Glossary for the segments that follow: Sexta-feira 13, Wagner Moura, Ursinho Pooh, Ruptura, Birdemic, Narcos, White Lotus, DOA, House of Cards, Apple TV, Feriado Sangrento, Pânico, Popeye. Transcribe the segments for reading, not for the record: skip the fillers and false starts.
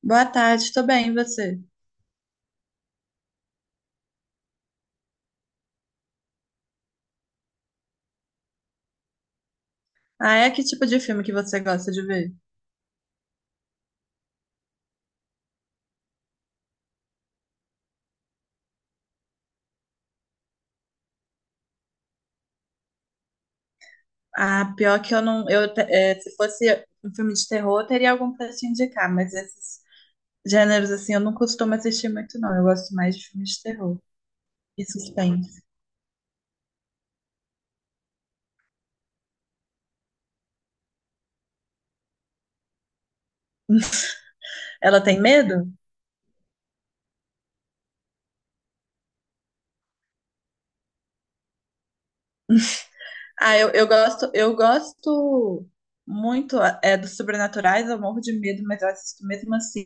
Boa tarde, tô bem, e você? Ah, é que tipo de filme que você gosta de ver? Ah, pior que eu não. Se fosse um filme de terror, eu teria algum pra te indicar, mas esses gêneros assim eu não costumo assistir muito, não. Eu gosto mais de filmes de terror e suspense. Ela tem medo? Ah, eu gosto, eu gosto muito dos sobrenaturais, eu morro de medo, mas eu assisto mesmo assim.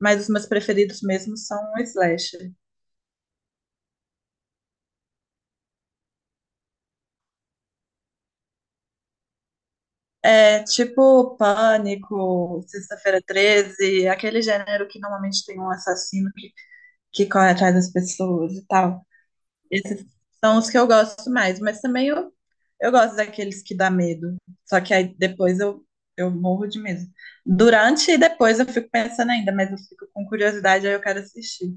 Mas os meus preferidos mesmo são o slasher. É tipo Pânico, Sexta-feira 13, aquele gênero que normalmente tem um assassino que corre atrás das pessoas e tal. Esses são os que eu gosto mais, mas também eu gosto daqueles que dá medo. Só que aí depois eu morro de medo. Durante e depois eu fico pensando ainda, mas eu fico com curiosidade, aí eu quero assistir.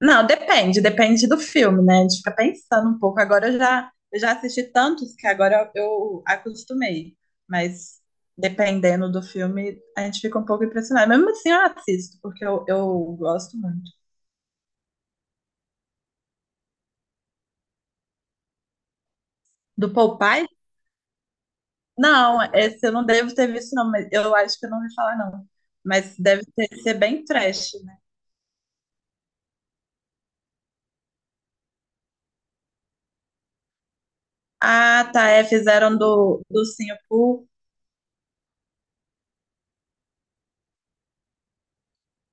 Não, depende, depende do filme, né? A gente fica pensando um pouco. Agora eu já assisti tantos que agora eu acostumei. Mas dependendo do filme, a gente fica um pouco impressionado. Mesmo assim, eu assisto, porque eu gosto muito. Do Popeye? Não, esse eu não devo ter visto, não. Mas eu acho que eu não ouvi falar, não. Mas ser bem trash, né? Ah, tá. É, fizeram do Ursinho Pooh.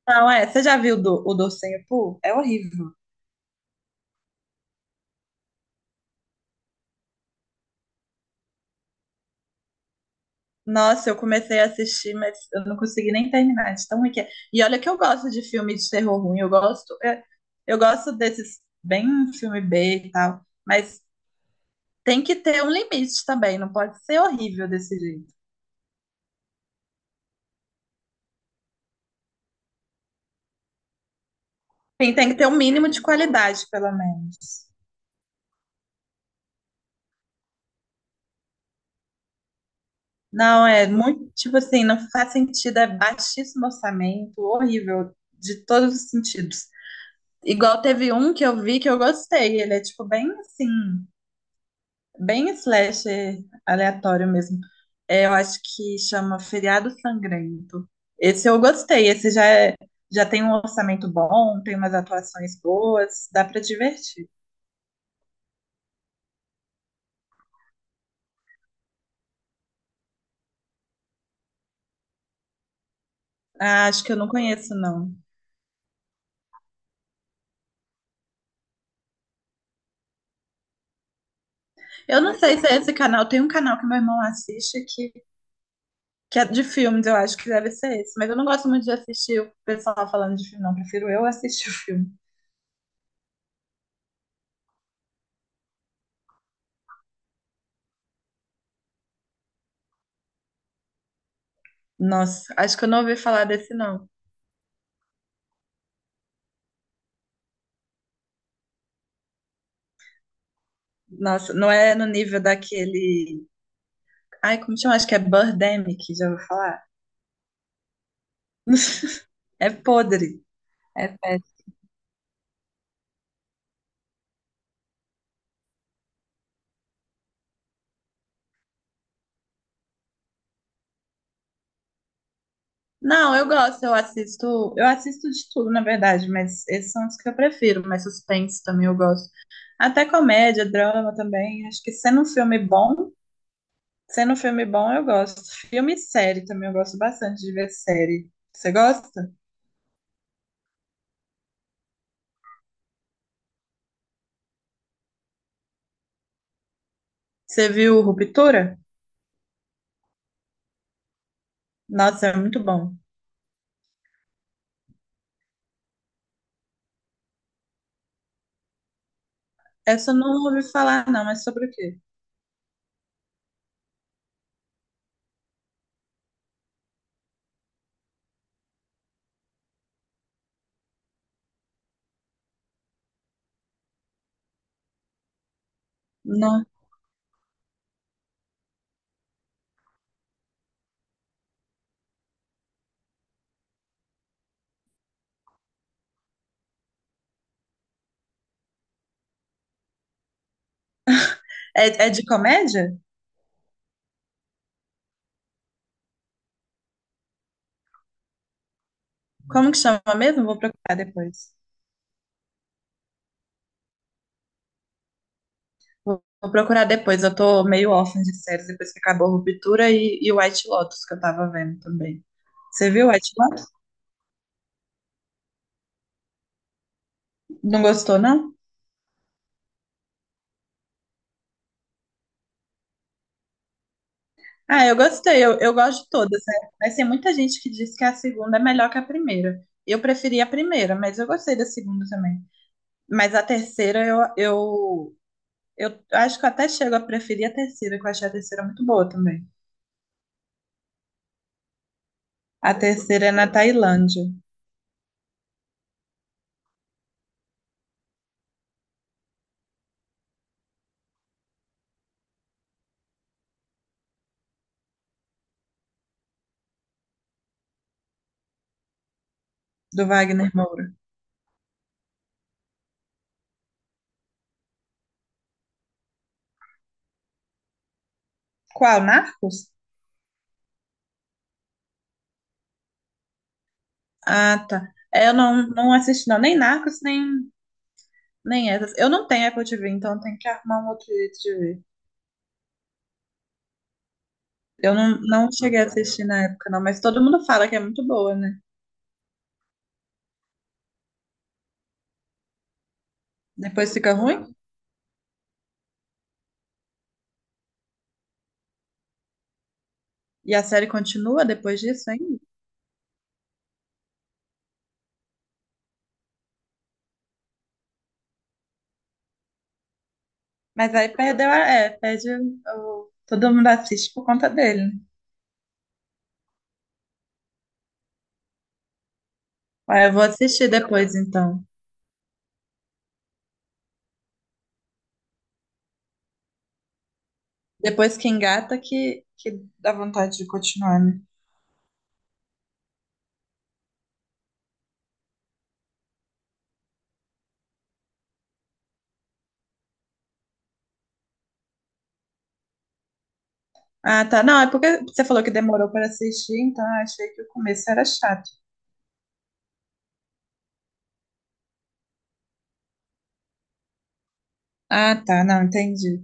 Não, é. Você já viu do, o do Ursinho Pooh? É horrível. Nossa, eu comecei a assistir, mas eu não consegui nem terminar de tão ruim que é. E olha que eu gosto de filme de terror ruim, eu gosto desses bem filme B e tal, mas tem que ter um limite também, não pode ser horrível desse jeito. Tem, tem que ter um mínimo de qualidade, pelo menos. Não, é muito, tipo assim, não faz sentido, é baixíssimo orçamento, horrível, de todos os sentidos. Igual teve um que eu vi que eu gostei, ele é tipo bem assim, bem slasher aleatório mesmo. É, eu acho que chama Feriado Sangrento. Esse eu gostei. Esse já tem um orçamento bom, tem umas atuações boas, dá pra divertir. Ah, acho que eu não conheço, não. Eu não sei se é esse canal. Tem um canal que meu irmão assiste que é de filmes, eu acho que deve ser esse. Mas eu não gosto muito de assistir o pessoal falando de filme, não. Prefiro eu assistir o filme. Nossa, acho que eu não ouvi falar desse, não. Nossa, não é no nível daquele. Ai, como chama? Acho que é Birdemic, já vou falar? É podre. É péssimo. Não, eu gosto, eu assisto de tudo, na verdade, mas esses são os que eu prefiro, mas suspense também eu gosto. Até comédia, drama também. Acho que sendo um filme bom, eu gosto. Filme e série também eu gosto bastante de ver série. Você gosta? Você viu Ruptura? Nossa, é muito bom. Essa eu não ouvi falar, não, mas sobre o quê? Não. É, é de comédia? Como que chama mesmo? Vou procurar depois. Vou procurar depois, eu tô meio órfã de séries depois que acabou Ruptura e White Lotus, que eu tava vendo também. Você viu White Lotus? Não gostou, não? Ah, eu gostei, eu gosto de todas, né? Mas tem muita gente que diz que a segunda é melhor que a primeira. Eu preferi a primeira, mas eu gostei da segunda também. Mas a terceira, eu acho que eu até chego a preferir a terceira, que eu achei a terceira muito boa também. A terceira é na Tailândia, do Wagner Moura. Qual? Narcos? Ah, tá. É, eu não, não assisti, não. Nem Narcos, nem essas. Eu não tenho Apple TV, então tem que arrumar um outro jeito de ver. Eu não, não cheguei a assistir na época, não. Mas todo mundo fala que é muito boa, né? Depois fica ruim. E a série continua depois disso ainda. Mas aí perdeu a... É, perde o... Todo mundo assiste por conta dele, né? Aí eu vou assistir depois, então. Depois que engata, que dá vontade de continuar, né? Ah, tá. Não, é porque você falou que demorou para assistir, então eu achei que o começo era chato. Ah, tá, não, entendi.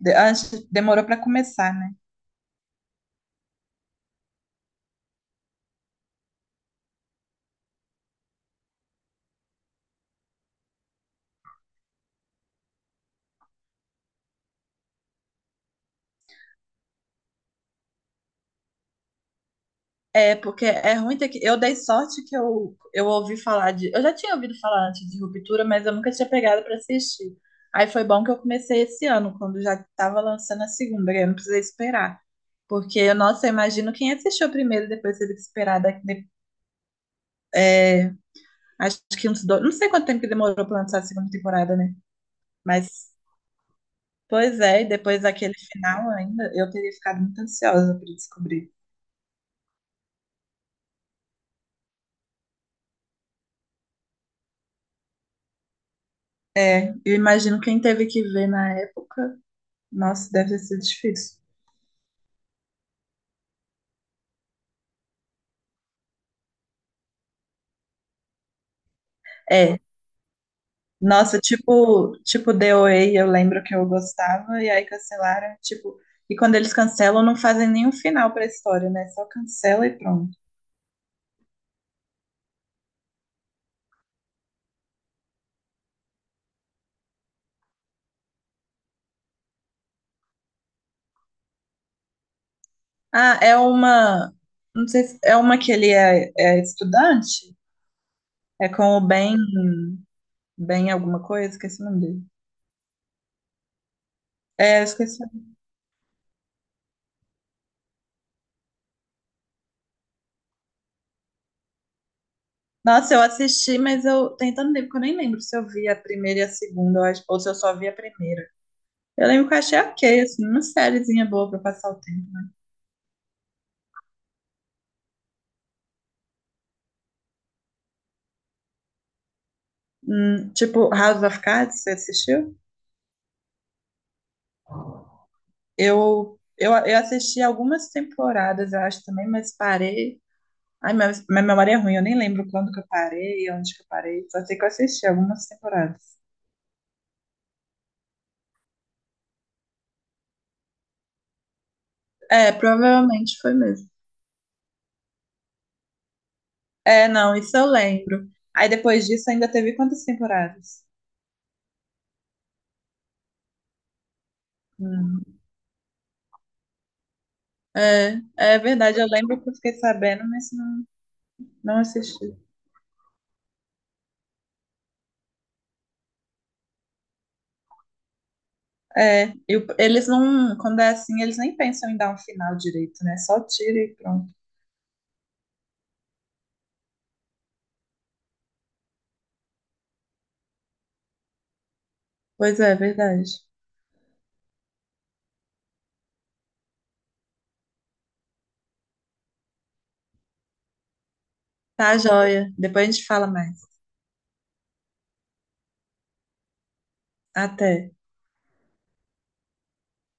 Demorou pra começar, né? É, porque é ruim ter que. Eu dei sorte que eu ouvi falar de. Eu já tinha ouvido falar antes de Ruptura, mas eu nunca tinha pegado pra assistir. Aí foi bom que eu comecei esse ano, quando já tava lançando a segunda, que eu não precisei esperar. Porque, nossa, eu imagino quem assistiu primeiro e depois teve que esperar daqui, acho que uns dois. Não sei quanto tempo que demorou pra lançar a segunda temporada, né? Mas, pois é, e depois daquele final ainda, eu teria ficado muito ansiosa pra descobrir. É, eu imagino quem teve que ver na época, nossa, deve ter sido difícil. É, nossa, tipo DOA, eu lembro que eu gostava, e aí cancelaram, tipo, e quando eles cancelam, não fazem nenhum final pra história, né? Só cancela e pronto. Ah, é uma, não sei se, é uma que ele é estudante, é com o Ben, Ben alguma coisa, esqueci o nome dele. É, eu esqueci. Nossa, eu assisti, mas eu tem tanto tempo que eu nem lembro se eu vi a primeira e a segunda, ou se eu só vi a primeira. Eu lembro que eu achei ok, assim, uma sériezinha boa pra passar o tempo. Tipo, House of Cards, você assistiu? Eu assisti algumas temporadas, eu acho também, mas parei. Ai, minha memória é ruim, eu nem lembro quando que eu parei, onde que eu parei. Só sei que eu assisti algumas temporadas. É, provavelmente foi mesmo. É, não, isso eu lembro. Aí depois disso ainda teve quantas temporadas? Hum. É, é verdade, eu lembro que eu fiquei sabendo, mas não, não assisti. É, e eles não, quando é assim, eles nem pensam em dar um final direito, né? Só tira e pronto. Pois é, é verdade. Tá, joia. Depois a gente fala mais. Até.